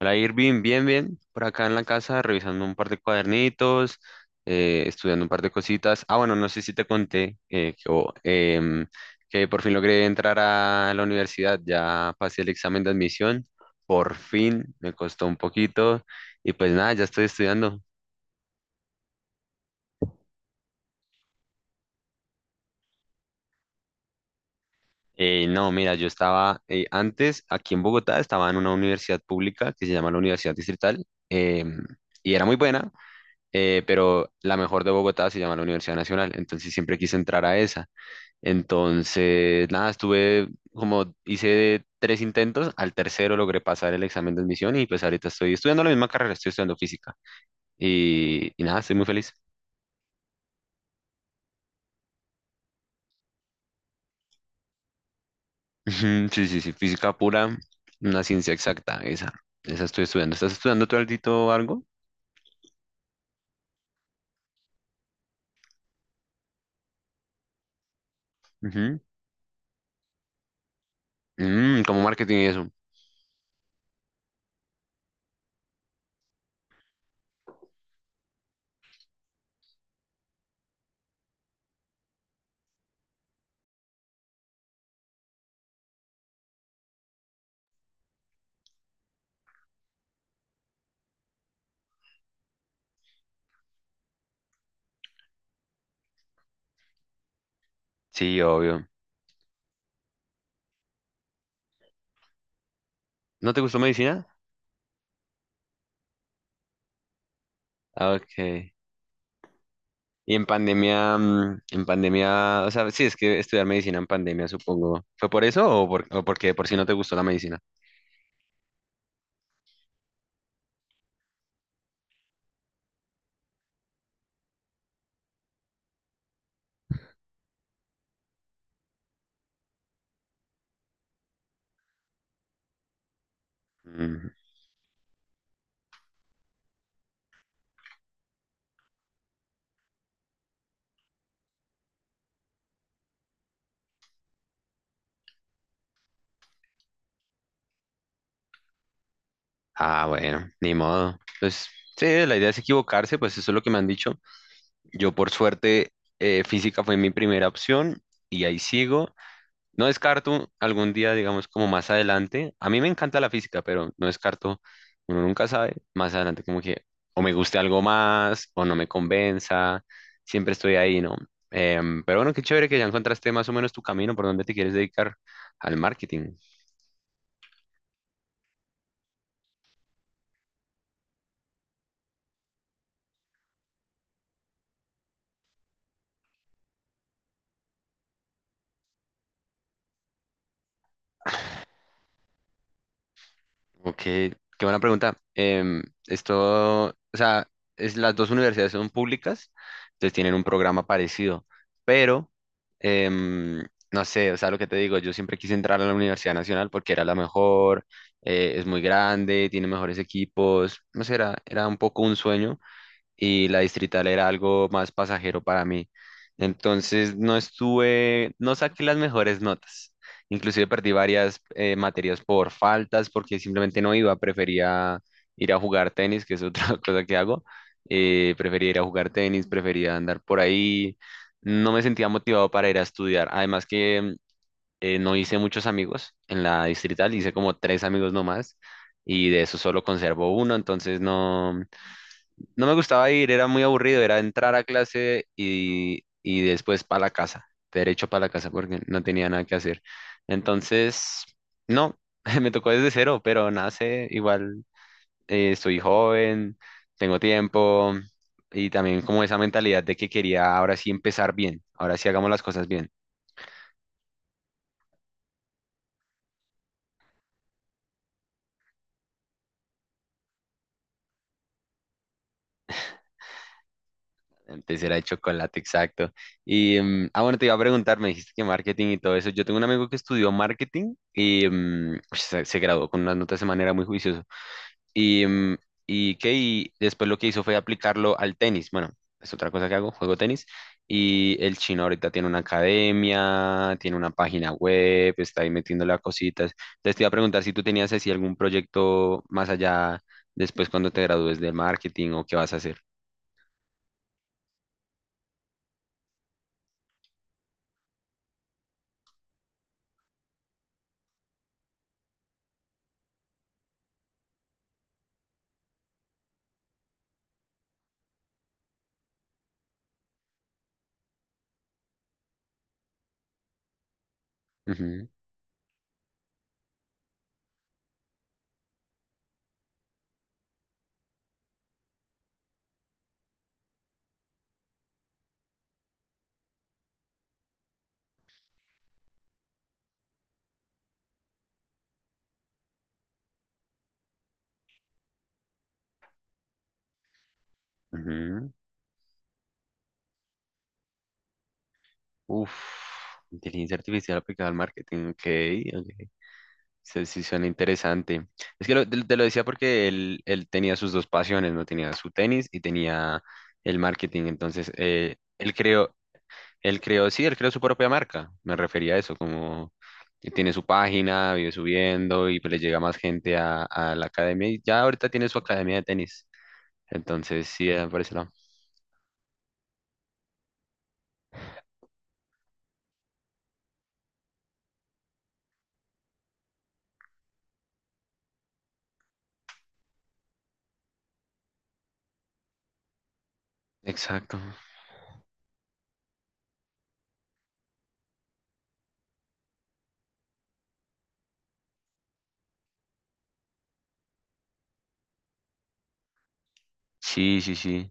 Hola Irving, bien, bien. Por acá en la casa revisando un par de cuadernitos, estudiando un par de cositas. Ah, bueno, no sé si te conté que por fin logré entrar a la universidad. Ya pasé el examen de admisión. Por fin, me costó un poquito. Y pues nada, ya estoy estudiando. No, mira, yo estaba antes aquí en Bogotá, estaba en una universidad pública que se llama la Universidad Distrital. Y era muy buena, pero la mejor de Bogotá se llama la Universidad Nacional, entonces siempre quise entrar a esa. Entonces, nada, estuve como hice tres intentos, al tercero logré pasar el examen de admisión y pues ahorita estoy estudiando la misma carrera, estoy estudiando física y nada, estoy muy feliz. Ujú, sí, sí, sí, física pura, una ciencia exacta, esa estoy estudiando. ¿Estás estudiando tú altito algo? Ujú. Mm, como marketing y eso. Sí, obvio. ¿No te gustó medicina? Ah, ok. Y en pandemia, en pandemia, o sea, sí, es que estudiar medicina en pandemia, supongo. ¿Fue por eso o porque de por si no te gustó la medicina? Mm. Ah, bueno, ni modo. Pues sí, la idea es equivocarse, pues eso es lo que me han dicho. Yo por suerte, física fue mi primera opción y ahí sigo. No descarto algún día, digamos, como más adelante. A mí me encanta la física, pero no descarto, uno nunca sabe, más adelante como que o me guste algo más o no me convenza. Siempre estoy ahí, ¿no? Pero bueno, qué chévere que ya encontraste más o menos tu camino por donde te quieres dedicar al marketing. Ok, qué buena pregunta. Esto, o sea, las dos universidades son públicas, entonces tienen un programa parecido, pero em, no sé, o sea, lo que te digo, yo siempre quise entrar a la Universidad Nacional porque era la mejor, es muy grande, tiene mejores equipos, no sé, era un poco un sueño y la distrital era algo más pasajero para mí. Entonces no estuve, no saqué las mejores notas. Inclusive perdí varias materias por faltas porque simplemente no iba, prefería ir a jugar tenis, que es otra cosa que hago. Prefería ir a jugar tenis, prefería andar por ahí. No me sentía motivado para ir a estudiar. Además que no hice muchos amigos en la distrital, hice como tres amigos nomás y de eso solo conservo uno, entonces no, no me gustaba ir, era muy aburrido, era entrar a clase y después para la casa, derecho para la casa porque no tenía nada que hacer. Entonces, no, me tocó desde cero, pero nada sé, igual estoy joven, tengo tiempo y también como esa mentalidad de que quería ahora sí empezar bien, ahora sí hagamos las cosas bien. Antes era de chocolate, exacto. Ah, bueno, te iba a preguntar, me dijiste que marketing y todo eso. Yo tengo un amigo que estudió marketing y se graduó con unas notas de manera muy juiciosa. Y, mm, y, ¿qué? Y después lo que hizo fue aplicarlo al tenis. Bueno, es otra cosa que hago, juego tenis. Y el chino ahorita tiene una academia, tiene una página web, está ahí metiéndole a cositas. Entonces te iba a preguntar si tú tenías así algún proyecto más allá después cuando te gradúes de marketing o qué vas a hacer. Ujú, ujú. Uf, inteligencia artificial aplicada al marketing. Ok, ok. Sí, sí suena interesante. Es que te lo decía porque él tenía sus dos pasiones, ¿no? Tenía su tenis y tenía el marketing. Entonces, él creó su propia marca. Me refería a eso, como que tiene su página, vive subiendo y pues le llega más gente a la academia. Y ya ahorita tiene su academia de tenis. Entonces, sí, por ese lado. Exacto. Sí, sí, sí.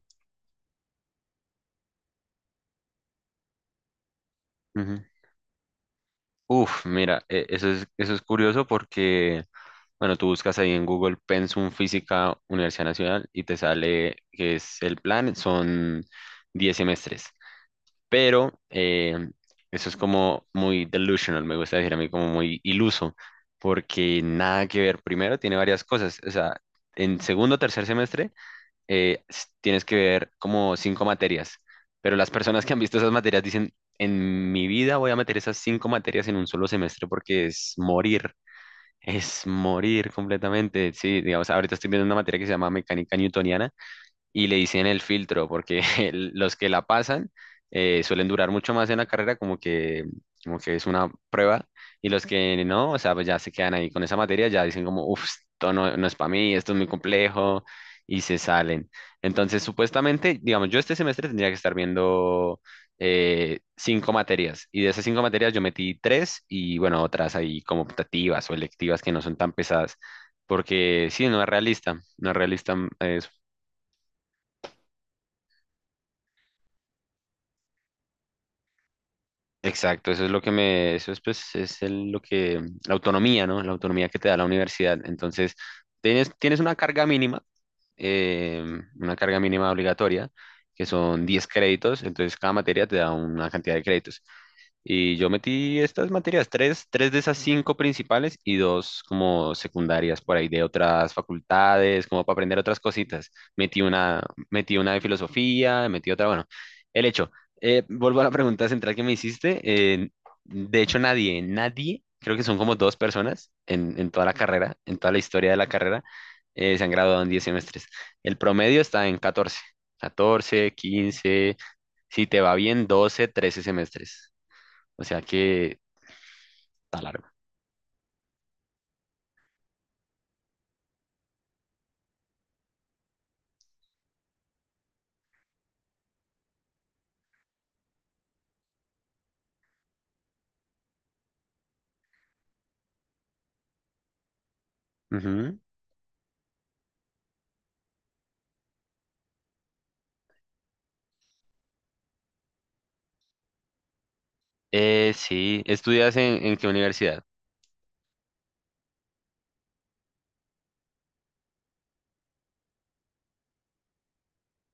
Uf, mira, eso es curioso porque, bueno, tú buscas ahí en Google Pensum Física Universidad Nacional y te sale que es el plan, son 10 semestres, pero eso es como muy delusional, me gusta decir a mí como muy iluso, porque nada que ver, primero tiene varias cosas, o sea, en segundo o tercer semestre tienes que ver como cinco materias, pero las personas que han visto esas materias dicen, en mi vida voy a meter esas cinco materias en un solo semestre porque es morir, es morir completamente. Sí, digamos, ahorita estoy viendo una materia que se llama mecánica newtoniana y le dicen el filtro, porque los que la pasan suelen durar mucho más en la carrera, como que, es una prueba, y los que no, o sea, pues ya se quedan ahí con esa materia, ya dicen como, uff, esto no, no es para mí, esto es muy complejo, y se salen. Entonces, supuestamente, digamos, yo este semestre tendría que estar viendo cinco materias, y de esas cinco materias yo metí tres, y bueno, otras ahí como optativas o electivas que no son tan pesadas. Porque sí, no es realista, no es realista. Exacto, eso es lo que me, eso es pues, lo que, la autonomía, ¿no? La autonomía que te da la universidad. Entonces, tienes eh, una carga mínima obligatoria, que son 10 créditos, entonces cada materia te da una cantidad de créditos. Y yo metí estas materias, tres de esas cinco principales y dos como secundarias por ahí de otras facultades, como para aprender otras cositas. Metí una, metí una de filosofía, metí otra, bueno, el hecho. Vuelvo a la pregunta central que me hiciste. De hecho, nadie, nadie, creo que son como dos personas en toda la carrera, en toda la historia de la carrera, se han graduado en 10 semestres. El promedio está en 14 14 15 si te va bien, 12 13 semestres. O sea que está largo. Ujú. Sí, ¿estudias en qué universidad?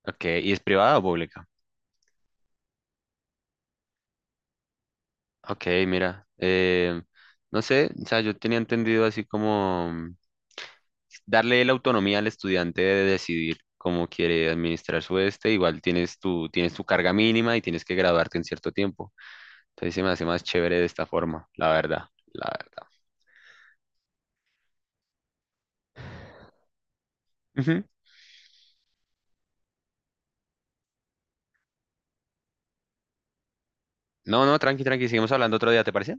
Ok, ¿y es privada o pública? Ok, mira, no sé, o sea, yo tenía entendido así como darle la autonomía al estudiante de decidir cómo quiere administrar su este, igual tienes tu, carga mínima y tienes que graduarte en cierto tiempo. Entonces se me hace más chévere de esta forma, la verdad, la verdad. Ujú. No, no, tranqui, tranqui, seguimos hablando otro día, ¿te parece?